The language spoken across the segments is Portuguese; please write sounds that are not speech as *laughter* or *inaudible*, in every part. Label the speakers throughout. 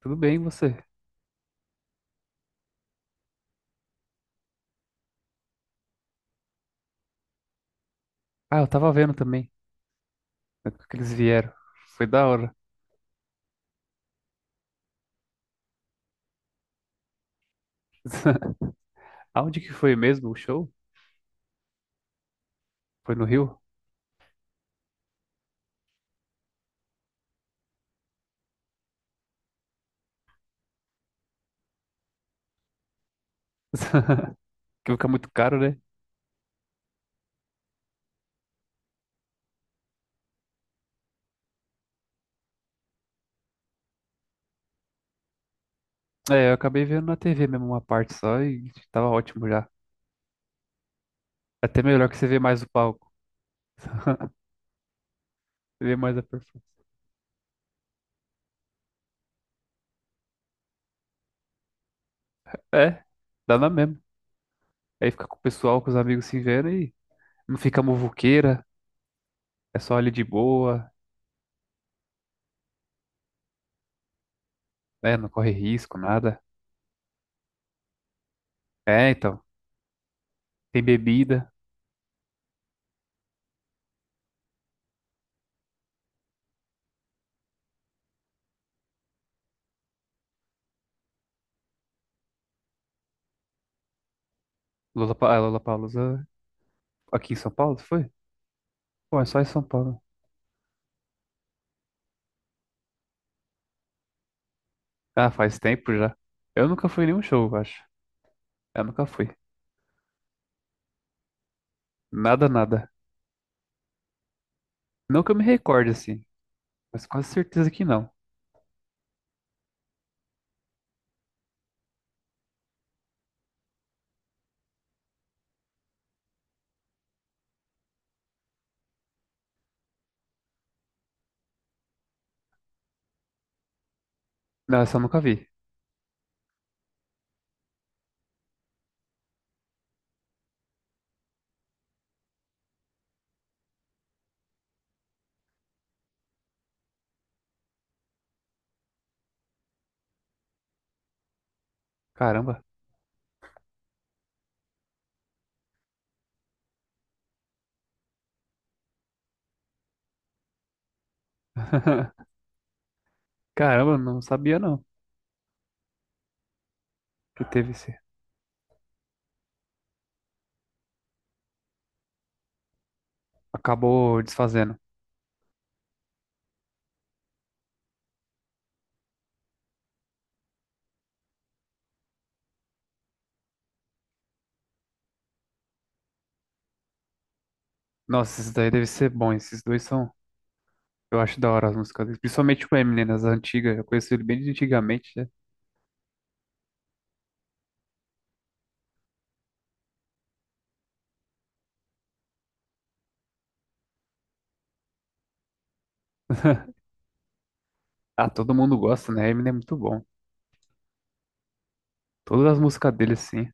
Speaker 1: Tudo bem, e você? Ah, eu tava vendo também né, que eles vieram. Foi da hora. *laughs* Aonde que foi mesmo o show? Foi no Rio? *laughs* Que fica muito caro, né? É, eu acabei vendo na TV mesmo uma parte só e tava ótimo já. É até melhor que você vê mais o palco, você vê mais a performance. É, dá na mesma. Aí fica com o pessoal, com os amigos se vendo e não fica muvuqueira, é só ali de boa, né? Não corre risco, nada. É, então, tem bebida. Lola, Lollapalooza aqui em São Paulo, foi? Pô, é só em São Paulo. Ah, faz tempo já. Eu nunca fui em nenhum show, eu acho. Eu nunca fui. Nada, nada. Não que eu me recorde, assim. Mas quase certeza que não. Não, essa eu nunca vi. Caramba. *laughs* Caramba, não sabia não que teve esse. Acabou desfazendo. Nossa, esses daí deve ser bom. Esses dois são. Eu acho da hora as músicas. Deles. Principalmente o Eminem, nas antigas. Eu conheço ele bem de antigamente, né? *laughs* Ah, todo mundo gosta, né? Eminem é muito bom. Todas as músicas dele, sim.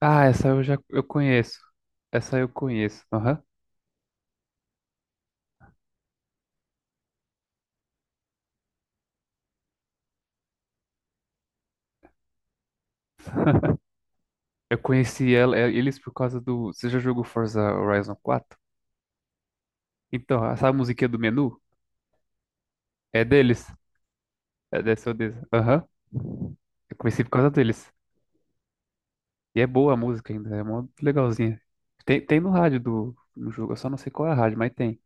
Speaker 1: Ah, essa eu já eu conheço. Essa eu conheço. Aham. Eu conheci ela, eles por causa do. Você já jogou Forza Horizon 4? Então, essa musiquinha do menu é deles. É dessa. Aham. Eu conheci por causa deles. E é boa a música ainda, é mó legalzinha. Tem no rádio do no jogo, eu só não sei qual é a rádio, mas tem.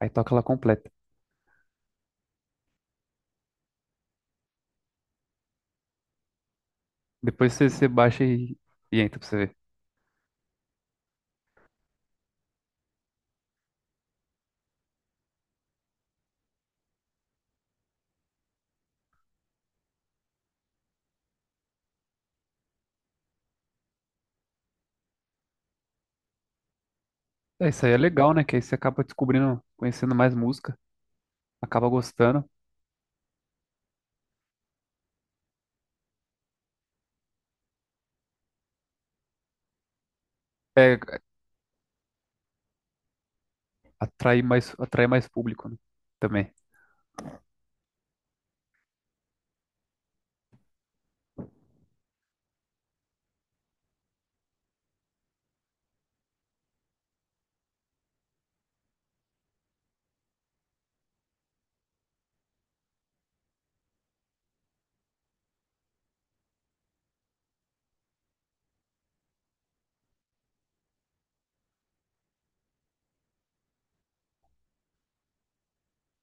Speaker 1: Aí toca ela completa. Depois você baixa e entra pra você ver. É, isso aí é legal, né? Que aí você acaba descobrindo, conhecendo mais música, acaba gostando. É, atrai mais público, né? Também.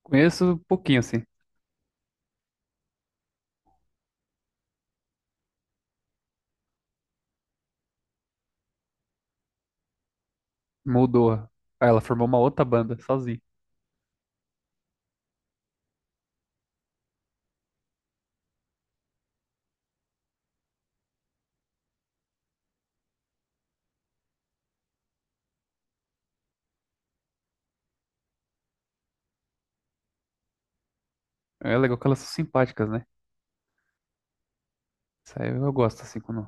Speaker 1: Conheço um pouquinho, assim. Mudou. Aí ela formou uma outra banda, sozinha. É legal que elas são simpáticas, né? Isso aí eu gosto, assim, quando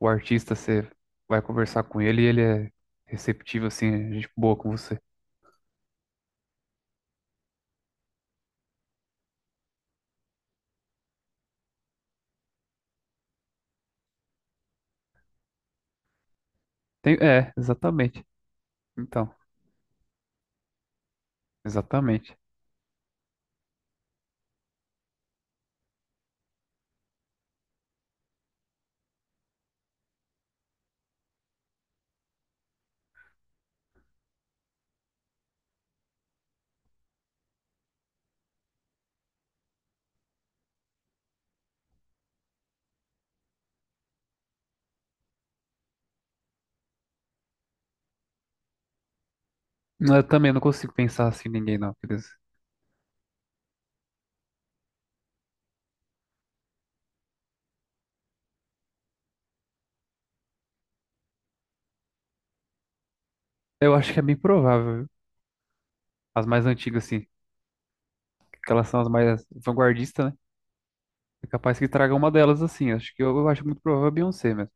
Speaker 1: o artista, você vai conversar com ele e ele é receptivo, assim, é gente boa com você. Tem- é, exatamente. Então, exatamente. Eu também não consigo pensar assim em ninguém, não. Quer dizer, eu acho que é bem provável. Viu? As mais antigas, assim, que elas são as mais vanguardistas, né? É capaz que traga uma delas, assim. Acho que eu acho muito provável a Beyoncé mesmo.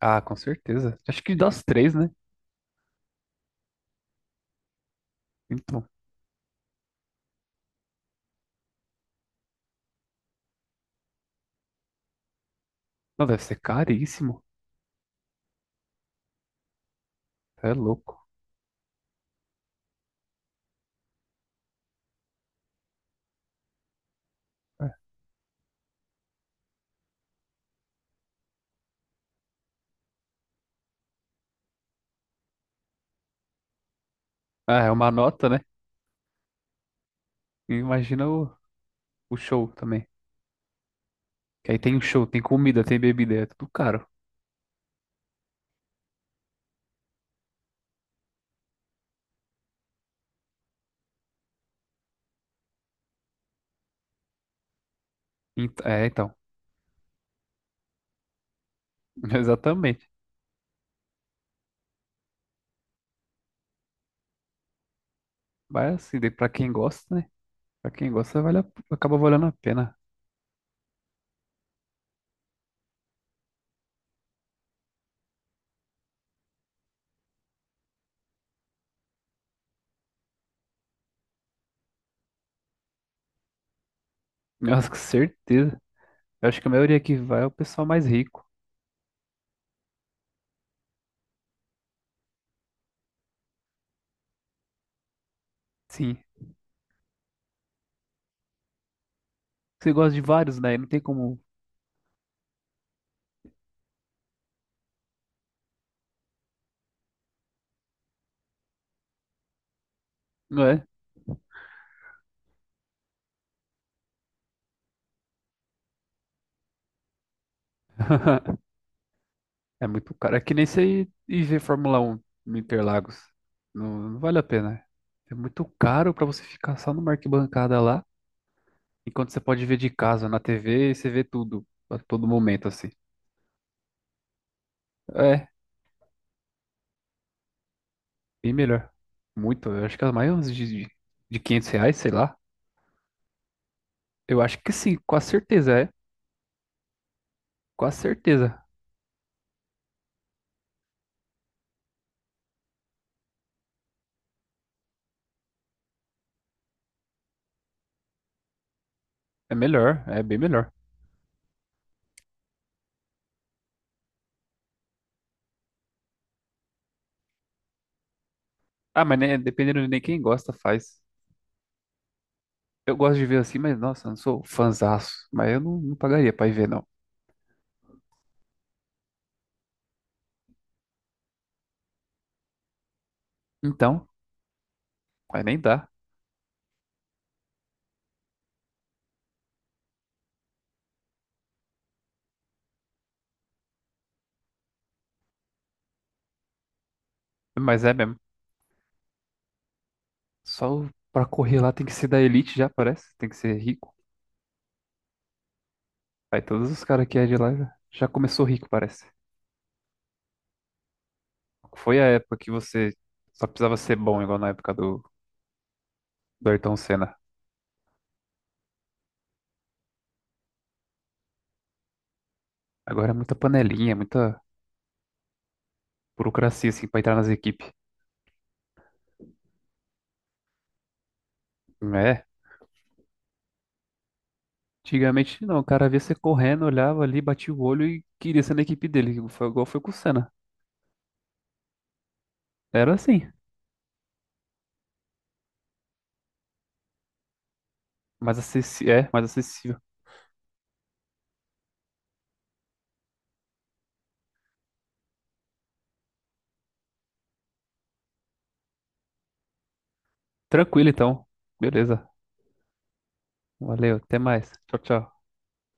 Speaker 1: Ah, com certeza. Acho que das três, né? Então. Não, deve ser caríssimo. É louco. É. Ah, é uma nota, né? E imagina o show também. Que aí tem o show, tem comida, tem bebida, é tudo caro. Ent- é, então. *laughs* Exatamente. Mas assim, daí pra quem gosta, né? Pra quem gosta, vale a- acaba valendo a pena. Nossa, com certeza. Eu acho que a maioria que vai é o pessoal mais rico. Sim. Você gosta de vários, né? Não tem como. Não é? É muito caro. É que nem você ir ver Fórmula Um no Interlagos. Não, não vale a pena. É muito caro pra você ficar só numa arquibancada lá, enquanto você pode ver de casa na TV e você vê tudo, a todo momento, assim. É, bem melhor. Muito. Eu acho que é mais uns de 500 reais, sei lá. Eu acho que sim, com a certeza é. Com a certeza. É melhor, é bem melhor. Ah, mas né, dependendo de nem quem gosta, faz. Eu gosto de ver assim, mas nossa, eu não sou fanzaço. Mas eu não pagaria pra ir ver, não. Então, mas nem dá. Mas é mesmo. Só o- pra correr lá tem que ser da elite já, parece. Tem que ser rico. Aí todos os caras que é de lá já começou rico, parece. Foi a época que você só precisava ser bom, igual na época do, do Ayrton Senna. Agora é muita panelinha, muita burocracia, assim, pra entrar nas equipes. É. Antigamente não, o cara via você correndo, olhava ali, batia o olho e queria ser na equipe dele. Foi igual foi com o Senna. Era assim, mais acessível. É, mais acessível. Tranquilo então. Beleza. Valeu, até mais. Tchau, tchau.